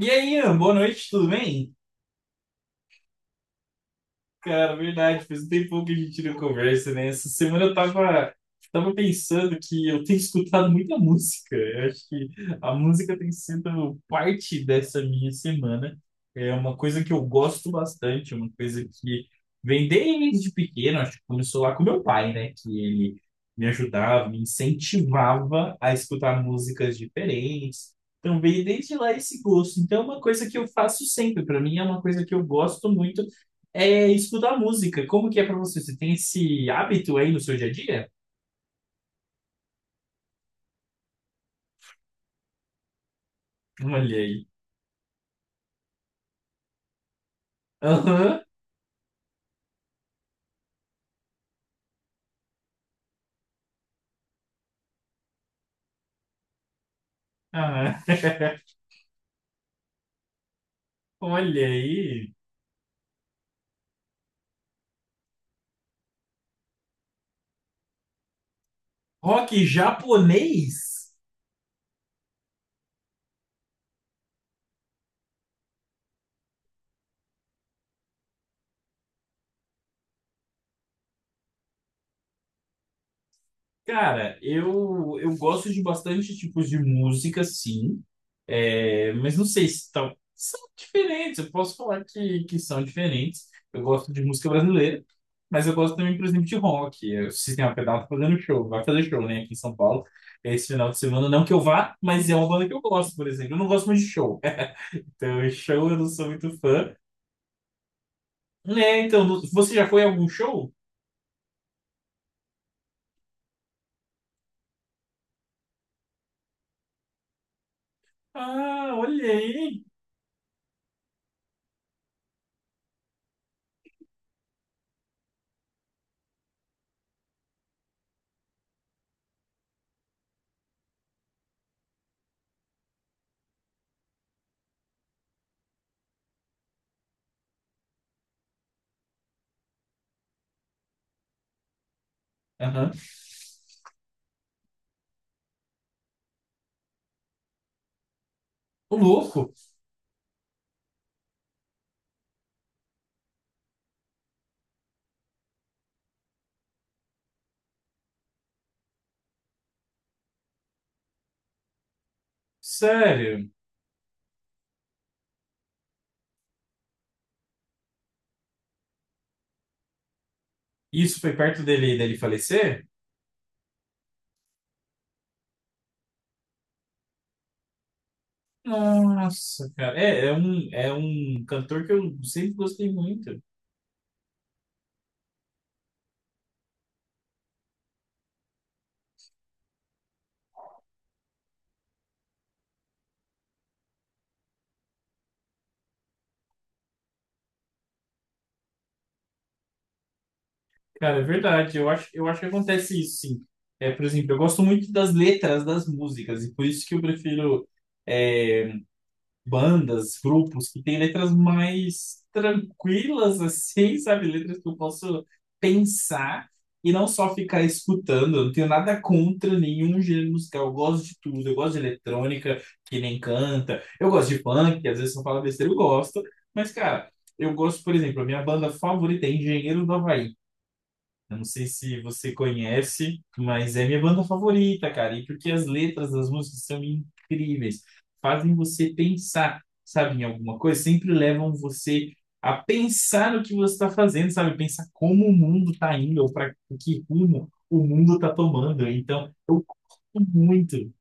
E aí, Ian, boa noite, tudo bem? Cara, verdade, faz um tempão que a gente não conversa, né? Essa semana eu tava pensando que eu tenho escutado muita música. Eu acho que a música tem sido parte dessa minha semana. É uma coisa que eu gosto bastante, uma coisa que vem desde pequeno, acho que começou lá com meu pai, né? Que ele me ajudava, me incentivava a escutar músicas diferentes. Então veio desde lá esse gosto. Então é uma coisa que eu faço sempre. Para mim é uma coisa que eu gosto muito é escutar música. Como que é pra você? Você tem esse hábito aí no seu dia a dia? Olha aí. Aham. Aham. Olha aí. Rock japonês? Cara, eu gosto de bastante tipos de música, sim. É, mas não sei se são diferentes. Eu posso falar que são diferentes. Eu gosto de música brasileira, mas eu gosto também, por exemplo, de rock. O Sistema Pedal tá fazendo show, vai fazer show, né, aqui em São Paulo esse final de semana. Não que eu vá, mas é uma banda que eu gosto, por exemplo. Eu não gosto muito de show. Então, show eu não sou muito fã. Né, então, você já foi a algum show? Ah, olha aí. Aham. Ô, louco. Sério. Isso foi perto dele, dele falecer? Nossa, cara. É um cantor que eu sempre gostei muito. Cara, é verdade. Eu acho que acontece isso, sim. É, por exemplo, eu gosto muito das letras das músicas, e por isso que eu prefiro. é, Bandas, grupos que têm letras mais tranquilas, assim, sabe? Letras que eu posso pensar e não só ficar escutando. Eu não tenho nada contra nenhum gênero musical. Eu gosto de tudo. Eu gosto de eletrônica, que nem canta. Eu gosto de funk, que às vezes eu falo besteira, eu gosto. Mas, cara, eu gosto, por exemplo, a minha banda favorita é Engenheiro do Havaí. Eu não sei se você conhece, mas é minha banda favorita, cara. E porque as letras das músicas são incríveis, fazem você pensar, sabe, em alguma coisa, sempre levam você a pensar no que você está fazendo, sabe? Pensar como o mundo está indo, ou para que rumo o mundo está tomando. Então, eu curto muito.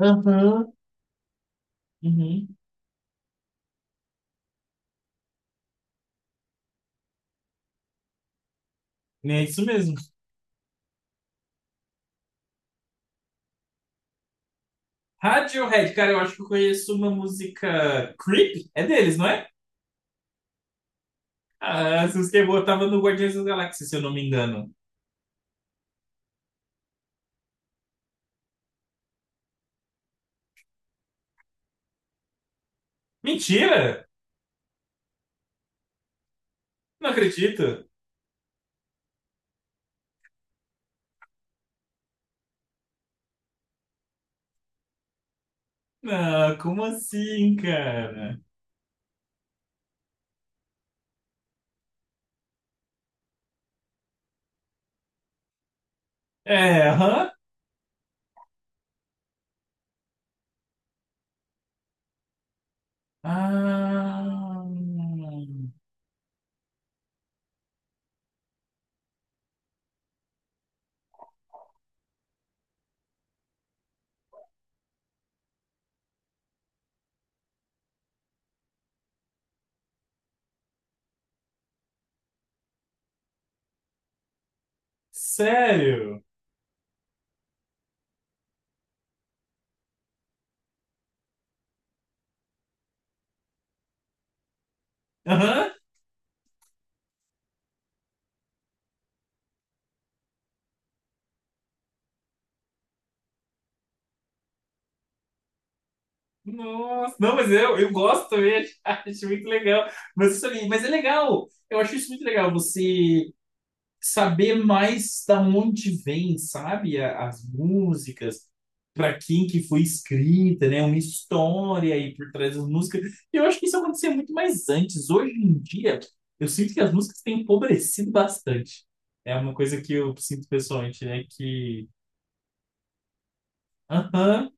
Aham, uhum. É isso mesmo. Radiohead, cara, eu acho que eu conheço uma música Creep, é deles, não é? Ah, essa música é boa, tava no Guardiões da Galáxia, se eu não me engano. Mentira! Não acredito. Não, como assim, cara? É, aham. Ah, sério? Aham. Nossa, não, mas eu gosto também, acho, muito legal. Mas isso aí, mas é legal. Eu acho isso muito legal. Você saber mais da onde vem, sabe, as músicas, para quem que foi escrita, né, uma história aí por trás das músicas. E eu acho que isso acontecia muito mais antes. Hoje em dia, eu sinto que as músicas têm empobrecido bastante. É uma coisa que eu sinto pessoalmente, né, que... Aham.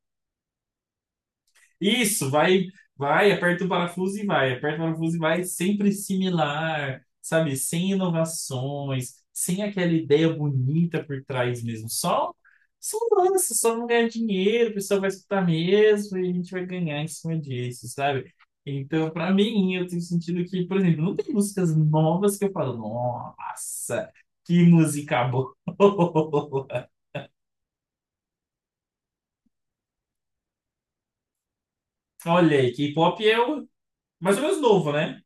Isso, vai, vai, aperta o parafuso e vai, aperta o parafuso e vai, sempre similar, sabe? Sem inovações, sem aquela ideia bonita por trás mesmo. Só, só lança, só vamos ganhar dinheiro, o pessoal vai escutar mesmo e a gente vai ganhar em cima disso, sabe? Então, pra mim, eu tenho sentido que, por exemplo, não tem músicas novas que eu falo, nossa, que música boa. Olha aí, K-pop é o mais ou menos novo, né?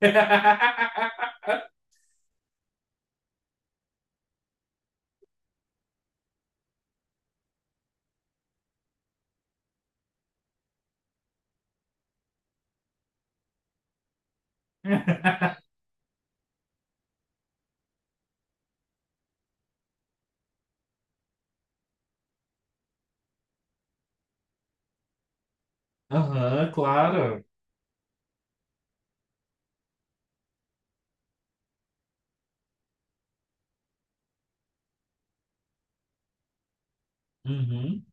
Aham, claro. Uhum.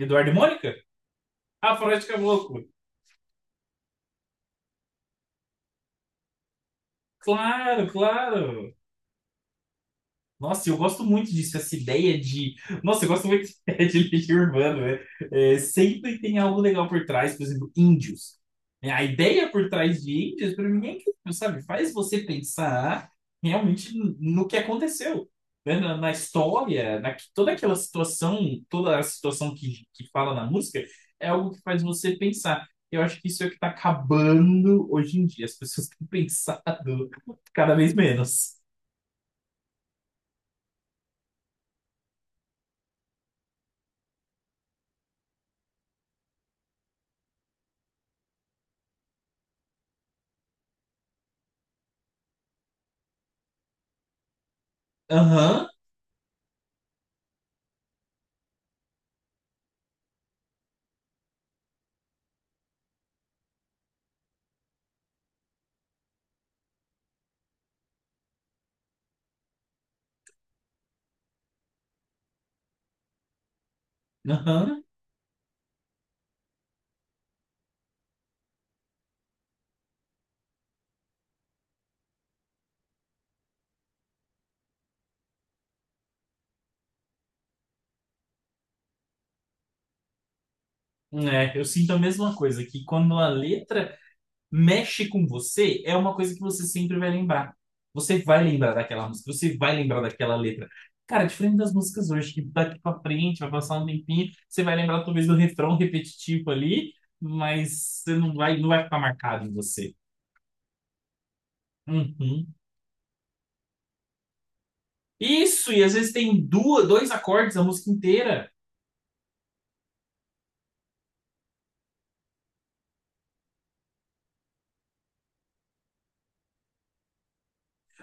Eduardo e Mônica? Ah, Faroeste Caboclo. Claro, claro. Nossa, eu gosto muito disso, essa ideia de. Nossa, eu gosto muito de lixo urbano, né? É, sempre tem algo legal por trás, por exemplo, índios. É, a ideia por trás de índios, para mim, é incrível, sabe? Faz você pensar realmente no que aconteceu, né? Na história, na, toda aquela situação, toda a situação que fala na música, é algo que faz você pensar. Eu acho que isso é o que está acabando hoje em dia. As pessoas têm pensado cada vez menos. Aham, aham. É, eu sinto a mesma coisa, que quando a letra mexe com você, é uma coisa que você sempre vai lembrar. Você vai lembrar daquela música, você vai lembrar daquela letra. Cara, diferente das músicas hoje, que daqui pra frente, vai passar um tempinho, você vai lembrar talvez do refrão repetitivo ali, mas você não vai, não vai ficar marcado em você. Uhum. Isso, e às vezes tem duas, dois acordes a música inteira.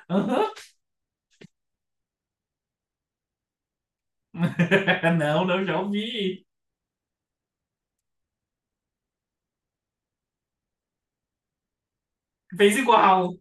Aham. Não, não, já ouvi. Fez igual.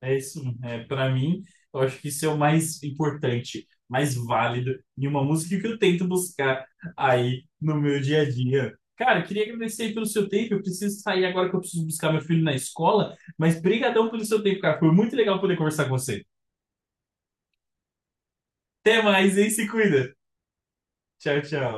É isso, é, para mim, eu acho que isso é o mais importante, mais válido em uma música que eu tento buscar aí no meu dia a dia. Cara, eu queria agradecer aí pelo seu tempo. Eu preciso sair agora que eu preciso buscar meu filho na escola, mas brigadão pelo seu tempo, cara. Foi muito legal poder conversar com você. Até mais, hein? Se cuida. Tchau, tchau.